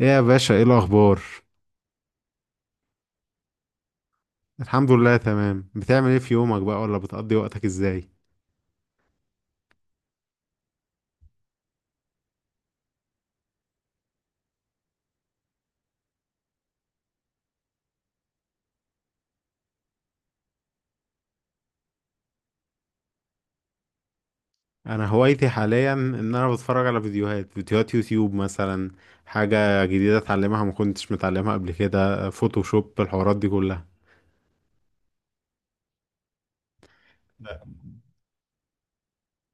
ايه يا باشا، ايه الاخبار؟ الحمد لله، تمام. بتعمل ايه في يومك بقى، ولا بتقضي وقتك ازاي؟ انا هوايتي حاليا ان انا بتفرج على فيديوهات يوتيوب مثلا. حاجة جديدة اتعلمها، ما كنتش متعلمها قبل كده، فوتوشوب، الحوارات دي كلها.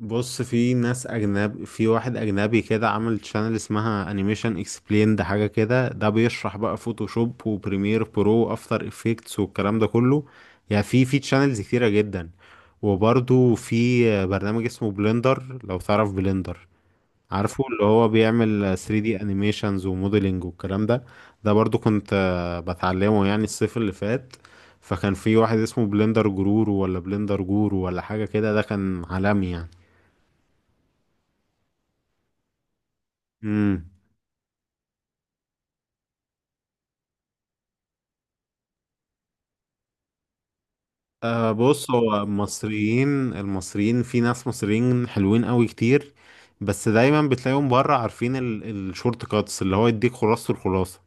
بص، في ناس اجنب. في واحد اجنبي كده عمل شانل اسمها انيميشن اكسبليند حاجه كده، ده بيشرح بقى فوتوشوب وبريمير برو وافتر افكتس والكلام ده كله. يعني في شانلز كتيره جدا. وبرضو في برنامج اسمه بلندر، لو تعرف بلندر. عارفه اللي هو بيعمل 3D انيميشنز وموديلنج والكلام ده. ده برضو كنت بتعلمه يعني الصيف اللي فات. فكان في واحد اسمه بلندر جرور، ولا بلندر جورو ولا حاجه كده، ده كان عالمي يعني. امم. أه، بص. هو المصريين، في ناس مصريين حلوين قوي كتير. بس دايما بتلاقيهم بره. عارفين الشورت كاتس اللي هو يديك خلاصة الخلاصة،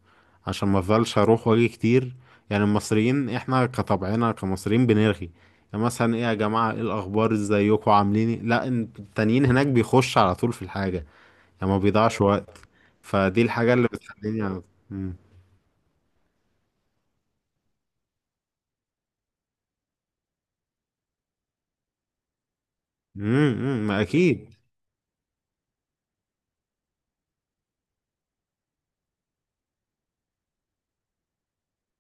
عشان ما افضلش اروح واجي كتير. يعني المصريين احنا كطبعنا كمصريين بنرغي. يعني مثلا: ايه يا جماعة، ايه الاخبار، ازيكم، عاملين إيه؟ لا، التانيين هناك بيخش على طول في الحاجة، يعني ما بيضيعش وقت. فدي الحاجة اللي بتخليني على- مم. امم، ما اكيد.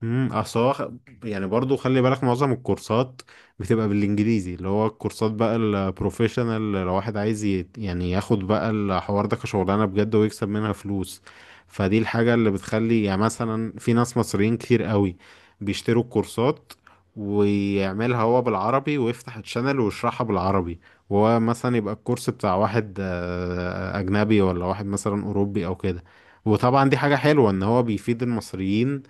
اصل هو خ- يعني برضو خلي بالك، معظم الكورسات بتبقى بالانجليزي، اللي هو الكورسات بقى البروفيشنال. لو واحد عايز يعني ياخد بقى الحوار ده كشغلانه بجد ويكسب منها فلوس، فدي الحاجه اللي بتخلي يعني مثلا في ناس مصريين كتير قوي بيشتروا الكورسات ويعملها هو بالعربي ويفتح الشانل ويشرحها بالعربي. وهو مثلا يبقى الكورس بتاع واحد اجنبي، ولا واحد مثلا اوروبي او كده. وطبعا دي حاجه حلوه ان هو بيفيد المصريين،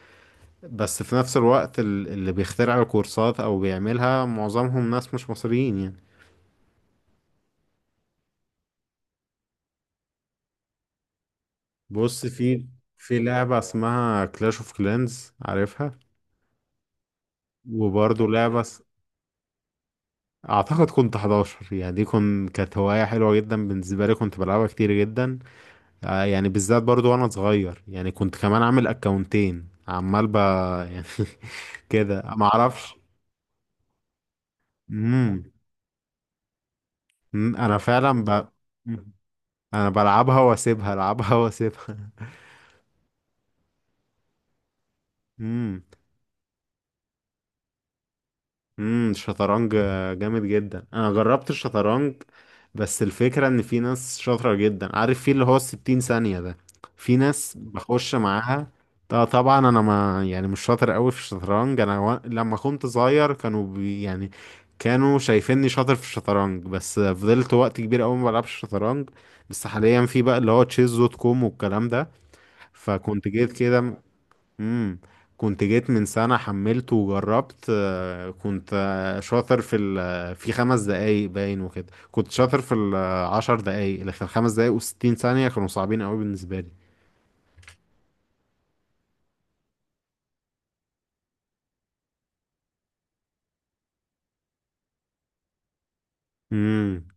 بس في نفس الوقت اللي بيخترع الكورسات او بيعملها معظمهم ناس مش مصريين يعني. بص، في لعبة اسمها كلاش اوف كلانز، عارفها؟ وبرضه لعبة اعتقد كنت 11. يعني دي كانت هواية حلوة جدا بالنسبة لي، كنت بلعبها كتير جدا. يعني بالذات برضه وانا صغير، يعني كنت كمان عامل اكونتين، عمال ب يعني. كده، ما اعرفش. امم. انا فعلا ب... مم. انا بلعبها واسيبها، العبها واسيبها. امم. امم، الشطرنج جامد جدا، انا جربت الشطرنج. بس الفكرة ان في ناس شاطرة جدا، عارف، في اللي هو ال60 ثانية ده، في ناس بخش معاها. طبعا انا ما يعني مش شاطر قوي في الشطرنج. انا و... لما كنت صغير كانوا بي... يعني كانوا شايفيني شاطر في الشطرنج. بس فضلت وقت كبير قوي ما بلعبش الشطرنج. بس حاليا في بقى اللي هو تشيز دوت كوم والكلام ده، فكنت جيت كده. امم. كنت جيت من سنة، حملته وجربت، كنت شاطر في ال في 5 دقايق باين وكده. كنت شاطر في ال10 دقايق، لكن ال5 دقايق و60 ثانية كانوا صعبين قوي بالنسبة لي. امم.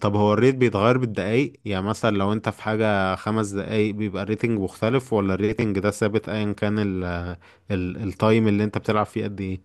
طب هو الريت بيتغير بالدقايق؟ يعني مثلا لو انت في حاجة 5 دقايق بيبقى الريتنج مختلف، ولا الريتنج ده ثابت ايا كان ال التايم اللي انت بتلعب فيه قد ايه؟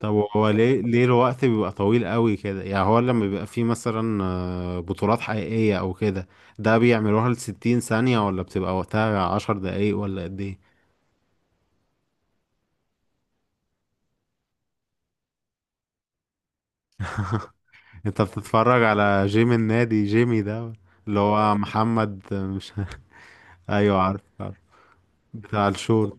طب هو ليه الوقت بيبقى طويل قوي كده؟ يعني هو لما بيبقى فيه مثلا بطولات حقيقية أو كده، ده بيعملوها ل60 ثانية، ولا بتبقى وقتها 10 دقايق، ولا قد إيه؟ أنت بتتفرج على جيم النادي، جيمي ده اللي هو محمد، مش...؟ أيوه، عارف عارف، بتاع الشورت.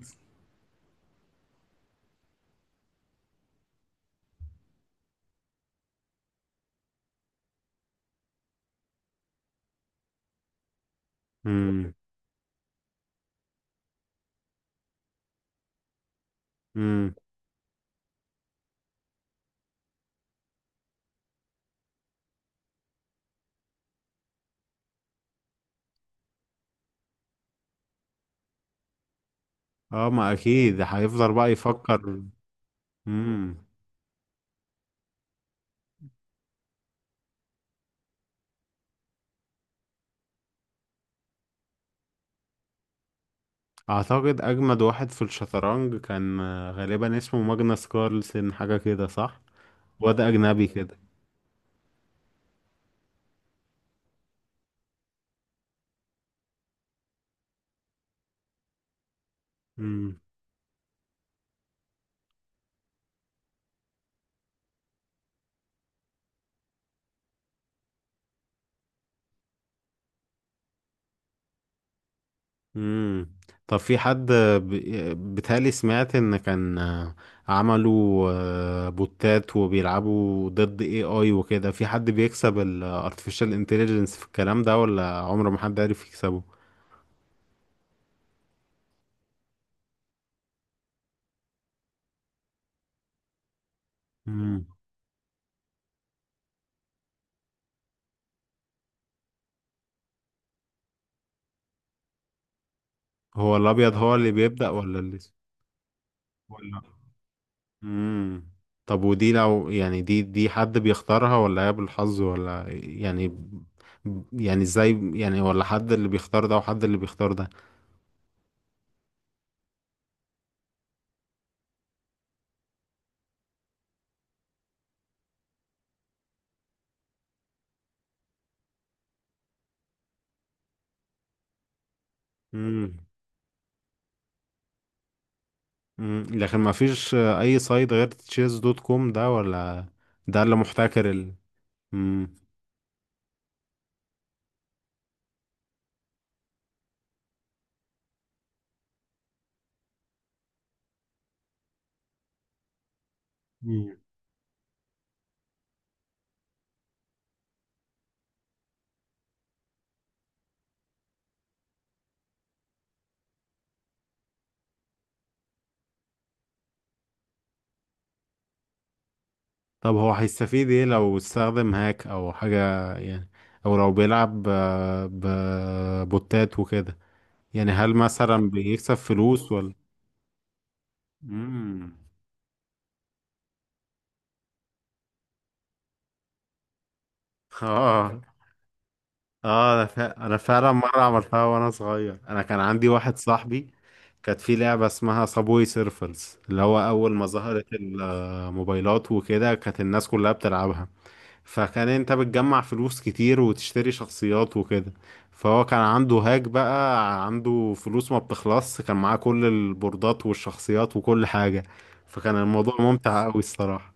امم. امم. اه، ما أكيد هيفضل بقى يفكر. امم. أعتقد أجمد واحد في الشطرنج كان غالبا اسمه ماجنس كارلسن حاجة كده، صح؟ واد أجنبي كده. امم. طب في حد، بيتهيألي سمعت ان كان عملوا بوتات وبيلعبوا ضد اي اي وكده، في حد بيكسب الارتفيشال انتليجنس في الكلام ده، ولا عمر ما حد عرف يكسبه؟ امم. هو الابيض هو اللي بيبدأ، ولا اللي... ولا؟ امم. طب ودي، لو يعني، دي حد بيختارها، ولا هي بالحظ، ولا يعني، يعني ازاي يعني؟ ولا حد اللي بيختار ده وحد اللي بيختار ده؟ مم. لكن ما فيش اي سايت غير تشيز دوت كوم ده، ولا؟ ده اللي محتكر ال... مم. مم. طب هو هيستفيد ايه لو استخدم هاك او حاجة يعني، او لو بيلعب ببوتات وكده، يعني هل مثلا بيكسب فلوس ولا؟ مم. اه. اه، انا انا فعلا مره عملتها وانا صغير. انا كان عندي واحد صاحبي، كانت في لعبه اسمها صابوي سيرفرز، اللي هو اول ما ظهرت الموبايلات وكده، كانت الناس كلها بتلعبها. فكان انت بتجمع فلوس كتير وتشتري شخصيات وكده، فهو كان عنده هاك، بقى عنده فلوس ما بتخلص، كان معاه كل البوردات والشخصيات وكل حاجه. فكان الموضوع ممتع قوي الصراحه.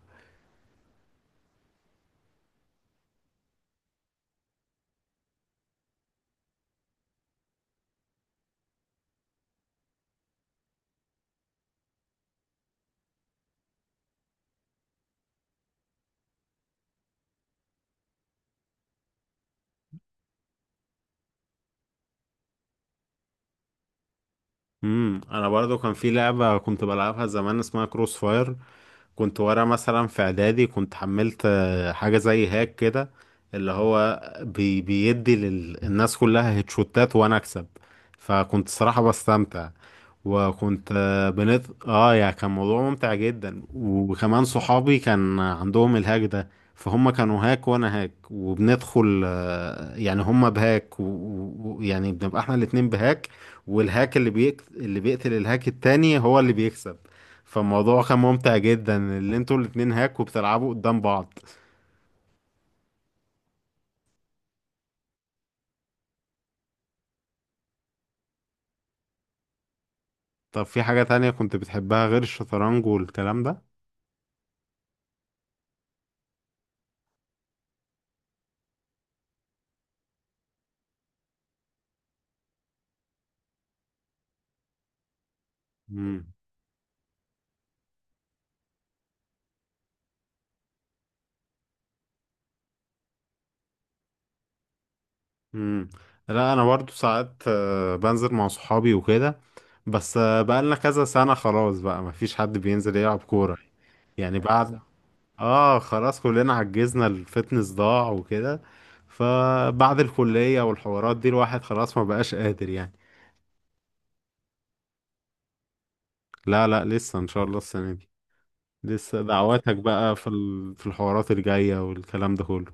انا برضو كان في لعبه كنت بلعبها زمان اسمها كروس فاير، كنت ورا مثلا في اعدادي، كنت حملت حاجة زي هاك كده، اللي هو بيدي للناس كلها هيتشوتات وانا اكسب. فكنت صراحة بستمتع، وكنت بنت يعني، كان موضوع ممتع جدا. وكمان صحابي كان عندهم الهاك ده، فهم كانوا هاك وانا هاك، وبندخل يعني هم بهاك ويعني بنبقى احنا الاتنين بهاك. والهاك اللي بيقتل الهاك التاني هو اللي بيكسب. فالموضوع كان ممتع جدا، اللي انتوا الاتنين هاك وبتلعبوا قدام بعض. طب في حاجة تانية كنت بتحبها غير الشطرنج والكلام ده؟ مم. مم. لا، انا برضو ساعات بنزل مع صحابي وكده، بس بقالنا كذا سنة خلاص بقى مفيش حد بينزل يلعب كورة، يعني بعد... اه، خلاص كلنا عجزنا، الفتنس ضاع وكده، فبعد الكلية والحوارات دي الواحد خلاص ما بقاش قادر يعني. لا، لا، لسه ان شاء الله السنة دي. لسه دعواتك بقى في الحوارات الجاية والكلام ده كله.